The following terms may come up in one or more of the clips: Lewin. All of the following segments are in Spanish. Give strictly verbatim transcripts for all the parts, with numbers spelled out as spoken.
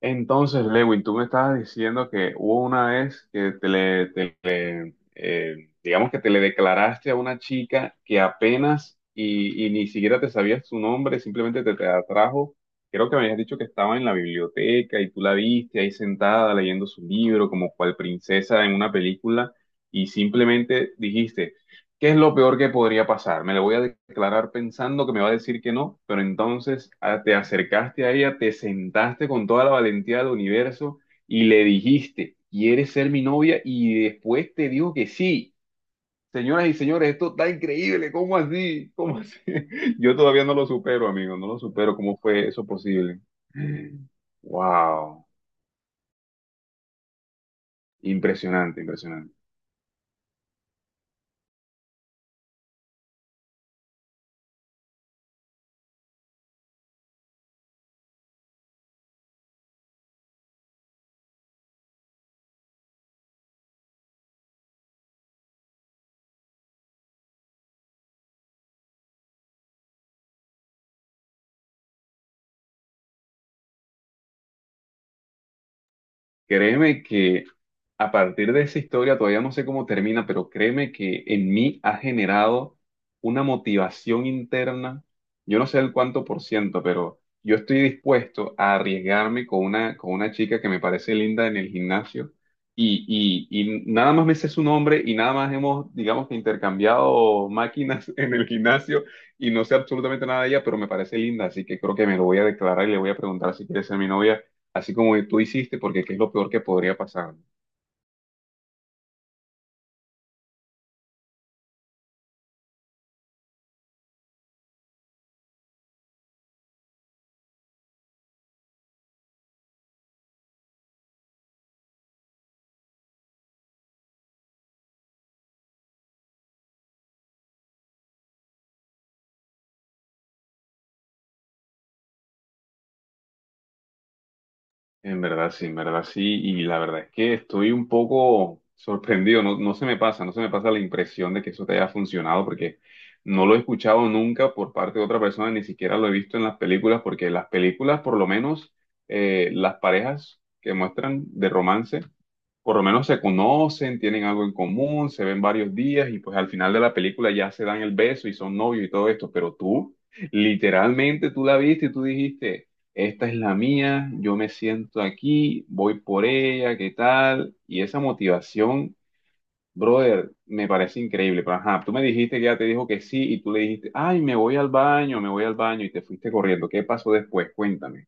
Entonces, Lewin, tú me estabas diciendo que hubo una vez que te le, te le, eh, digamos que te le declaraste a una chica que apenas y, y ni siquiera te sabías su nombre, simplemente te, te atrajo. Creo que me habías dicho que estaba en la biblioteca y tú la viste ahí sentada leyendo su libro como cual princesa en una película y simplemente dijiste, ¿Qué es lo peor que podría pasar? Me le voy a declarar pensando que me va a decir que no, pero entonces ah, te acercaste a ella, te sentaste con toda la valentía del universo y le dijiste, ¿quieres ser mi novia? Y después te dijo que sí. Señoras y señores, esto está increíble, ¿cómo así? ¿Cómo así? Yo todavía no lo supero, amigo, no lo supero. ¿Cómo fue eso posible? Wow, impresionante, impresionante. Créeme que a partir de esa historia, todavía no sé cómo termina, pero créeme que en mí ha generado una motivación interna. Yo no sé el cuánto por ciento, pero yo estoy dispuesto a arriesgarme con una, con una chica que me parece linda en el gimnasio. Y, y, y nada más me sé su nombre y nada más hemos, digamos que intercambiado máquinas en el gimnasio y no sé absolutamente nada de ella, pero me parece linda, así que creo que me lo voy a declarar y le voy a preguntar si quiere ser mi novia así como tú hiciste, porque qué es lo peor que podría pasar. En verdad sí, en verdad sí, y la verdad es que estoy un poco sorprendido, no, no se me pasa, no se me pasa la impresión de que eso te haya funcionado, porque no lo he escuchado nunca por parte de otra persona, ni siquiera lo he visto en las películas, porque las películas, por lo menos, eh, las parejas que muestran de romance, por lo menos se conocen, tienen algo en común, se ven varios días y pues al final de la película ya se dan el beso y son novios y todo esto, pero tú, literalmente tú la viste y tú dijiste, esta es la mía, yo me siento aquí, voy por ella, ¿qué tal? Y esa motivación, brother, me parece increíble, pero ajá, tú me dijiste que ella te dijo que sí y tú le dijiste, ay, me voy al baño, me voy al baño y te fuiste corriendo, ¿qué pasó después? Cuéntame.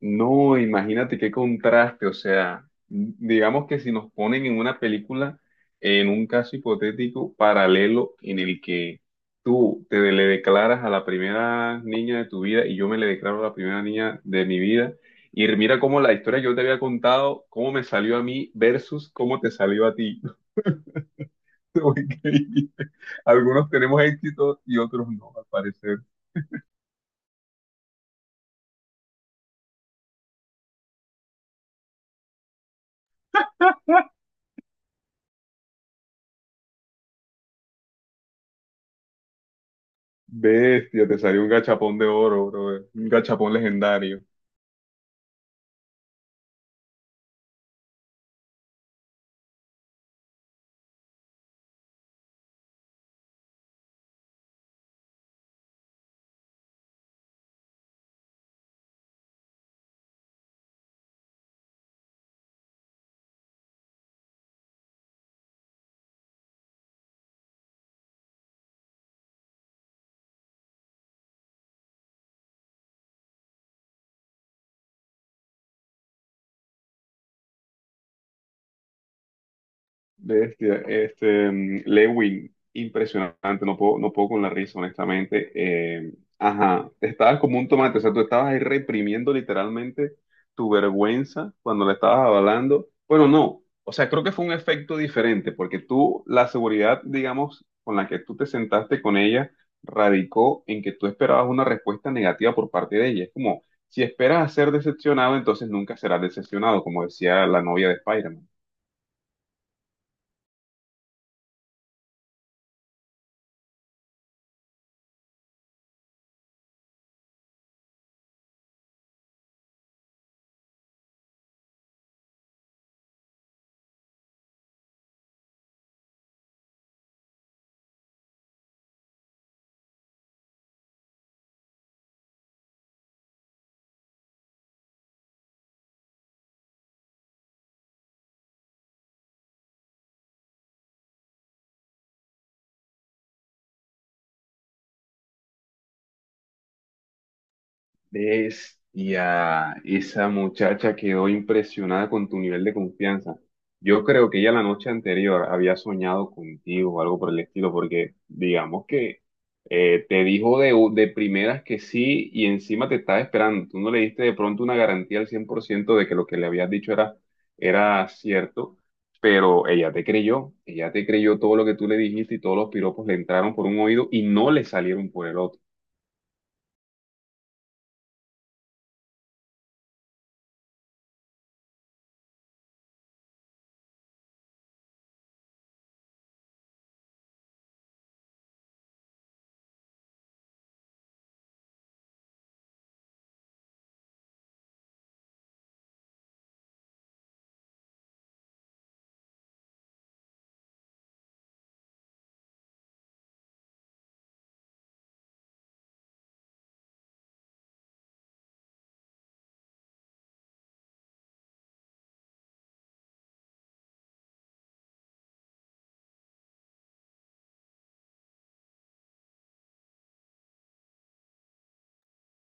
No, imagínate qué contraste, o sea, digamos que si nos ponen en una película, en un caso hipotético paralelo en el que tú te le declaras a la primera niña de tu vida y yo me le declaro a la primera niña de mi vida, y mira cómo la historia que yo te había contado, cómo me salió a mí versus cómo te salió a ti. Increíble. Algunos tenemos éxito y otros no, al parecer. Bestia, te salió un gachapón de oro, bro, un gachapón legendario. Bestia, este, este, mm, Lewin, impresionante, no puedo, no puedo con la risa, honestamente. Eh, ajá, estabas como un tomate, o sea, tú estabas ahí reprimiendo literalmente tu vergüenza cuando la estabas avalando. Bueno, no, o sea, creo que fue un efecto diferente, porque tú, la seguridad, digamos, con la que tú te sentaste con ella, radicó en que tú esperabas una respuesta negativa por parte de ella. Es como, si esperas a ser decepcionado, entonces nunca serás decepcionado, como decía la novia de Spider-Man. Ves y a esa muchacha quedó impresionada con tu nivel de confianza. Yo creo que ella la noche anterior había soñado contigo o algo por el estilo, porque digamos que eh, te dijo de, u- de primeras que sí y encima te estaba esperando. Tú no le diste de pronto una garantía al cien por ciento de que lo que le habías dicho era, era cierto, pero ella te creyó, ella te creyó todo lo que tú le dijiste y todos los piropos le entraron por un oído y no le salieron por el otro.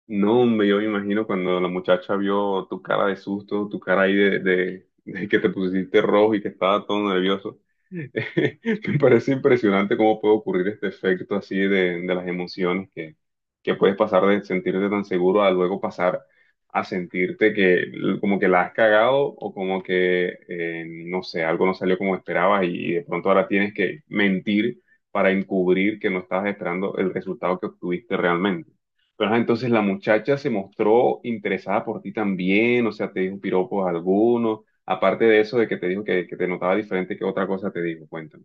No, hombre, yo me imagino cuando la muchacha vio tu cara de susto, tu cara ahí de, de, de que te pusiste rojo y que estaba todo nervioso. Me parece impresionante cómo puede ocurrir este efecto así de, de las emociones que, que puedes pasar de sentirte tan seguro a luego pasar a sentirte que l- como que la has cagado o como que, eh, no sé, algo no salió como esperabas y, y de pronto ahora tienes que mentir para encubrir que no estabas esperando el resultado que obtuviste realmente. Pero ajá, entonces la muchacha se mostró interesada por ti también, o sea, te dijo piropos algunos Aparte de eso, de que te dijo que, que te notaba diferente, ¿qué otra cosa te dijo? Cuéntame.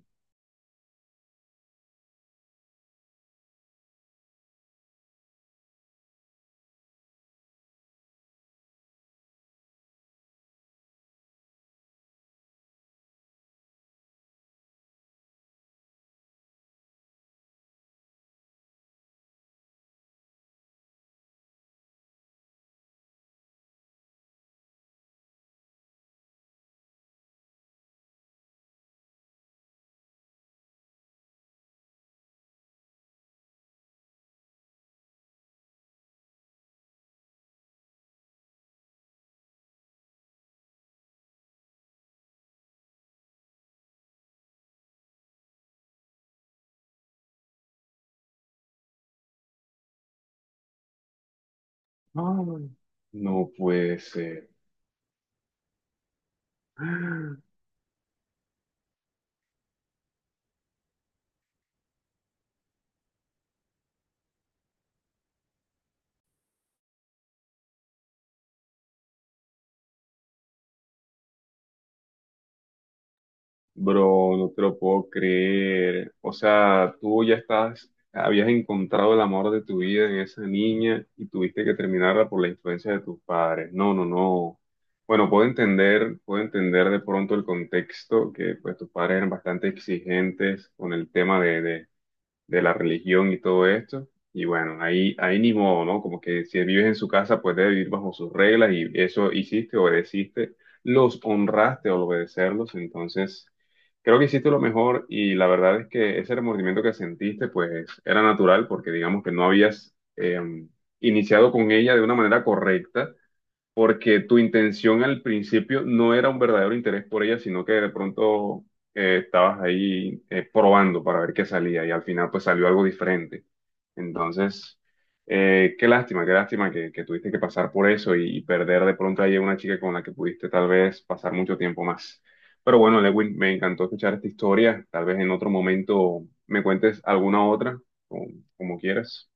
Ay, no puede ser. Bro, no te lo puedo creer. O sea, tú ya estás, habías encontrado el amor de tu vida en esa niña y tuviste que terminarla por la influencia de tus padres. No, no, no. Bueno, puedo entender, puedo entender de pronto el contexto, que pues tus padres eran bastante exigentes con el tema de, de, de la religión y todo esto. Y bueno, ahí, ahí ni modo, ¿no? Como que si vives en su casa, pues debe vivir bajo sus reglas y eso hiciste, obedeciste, los honraste al obedecerlos. Entonces, creo que hiciste lo mejor y la verdad es que ese remordimiento que sentiste, pues era natural porque digamos que no habías eh, iniciado con ella de una manera correcta porque tu intención al principio no era un verdadero interés por ella, sino que de pronto eh, estabas ahí eh, probando para ver qué salía y al final pues salió algo diferente. Entonces, eh, qué lástima, qué lástima que, que tuviste que pasar por eso y, y perder de pronto ahí a una chica con la que pudiste tal vez pasar mucho tiempo más. Pero bueno, Lewin, me encantó escuchar esta historia. Tal vez en otro momento me cuentes alguna otra, como, como quieras.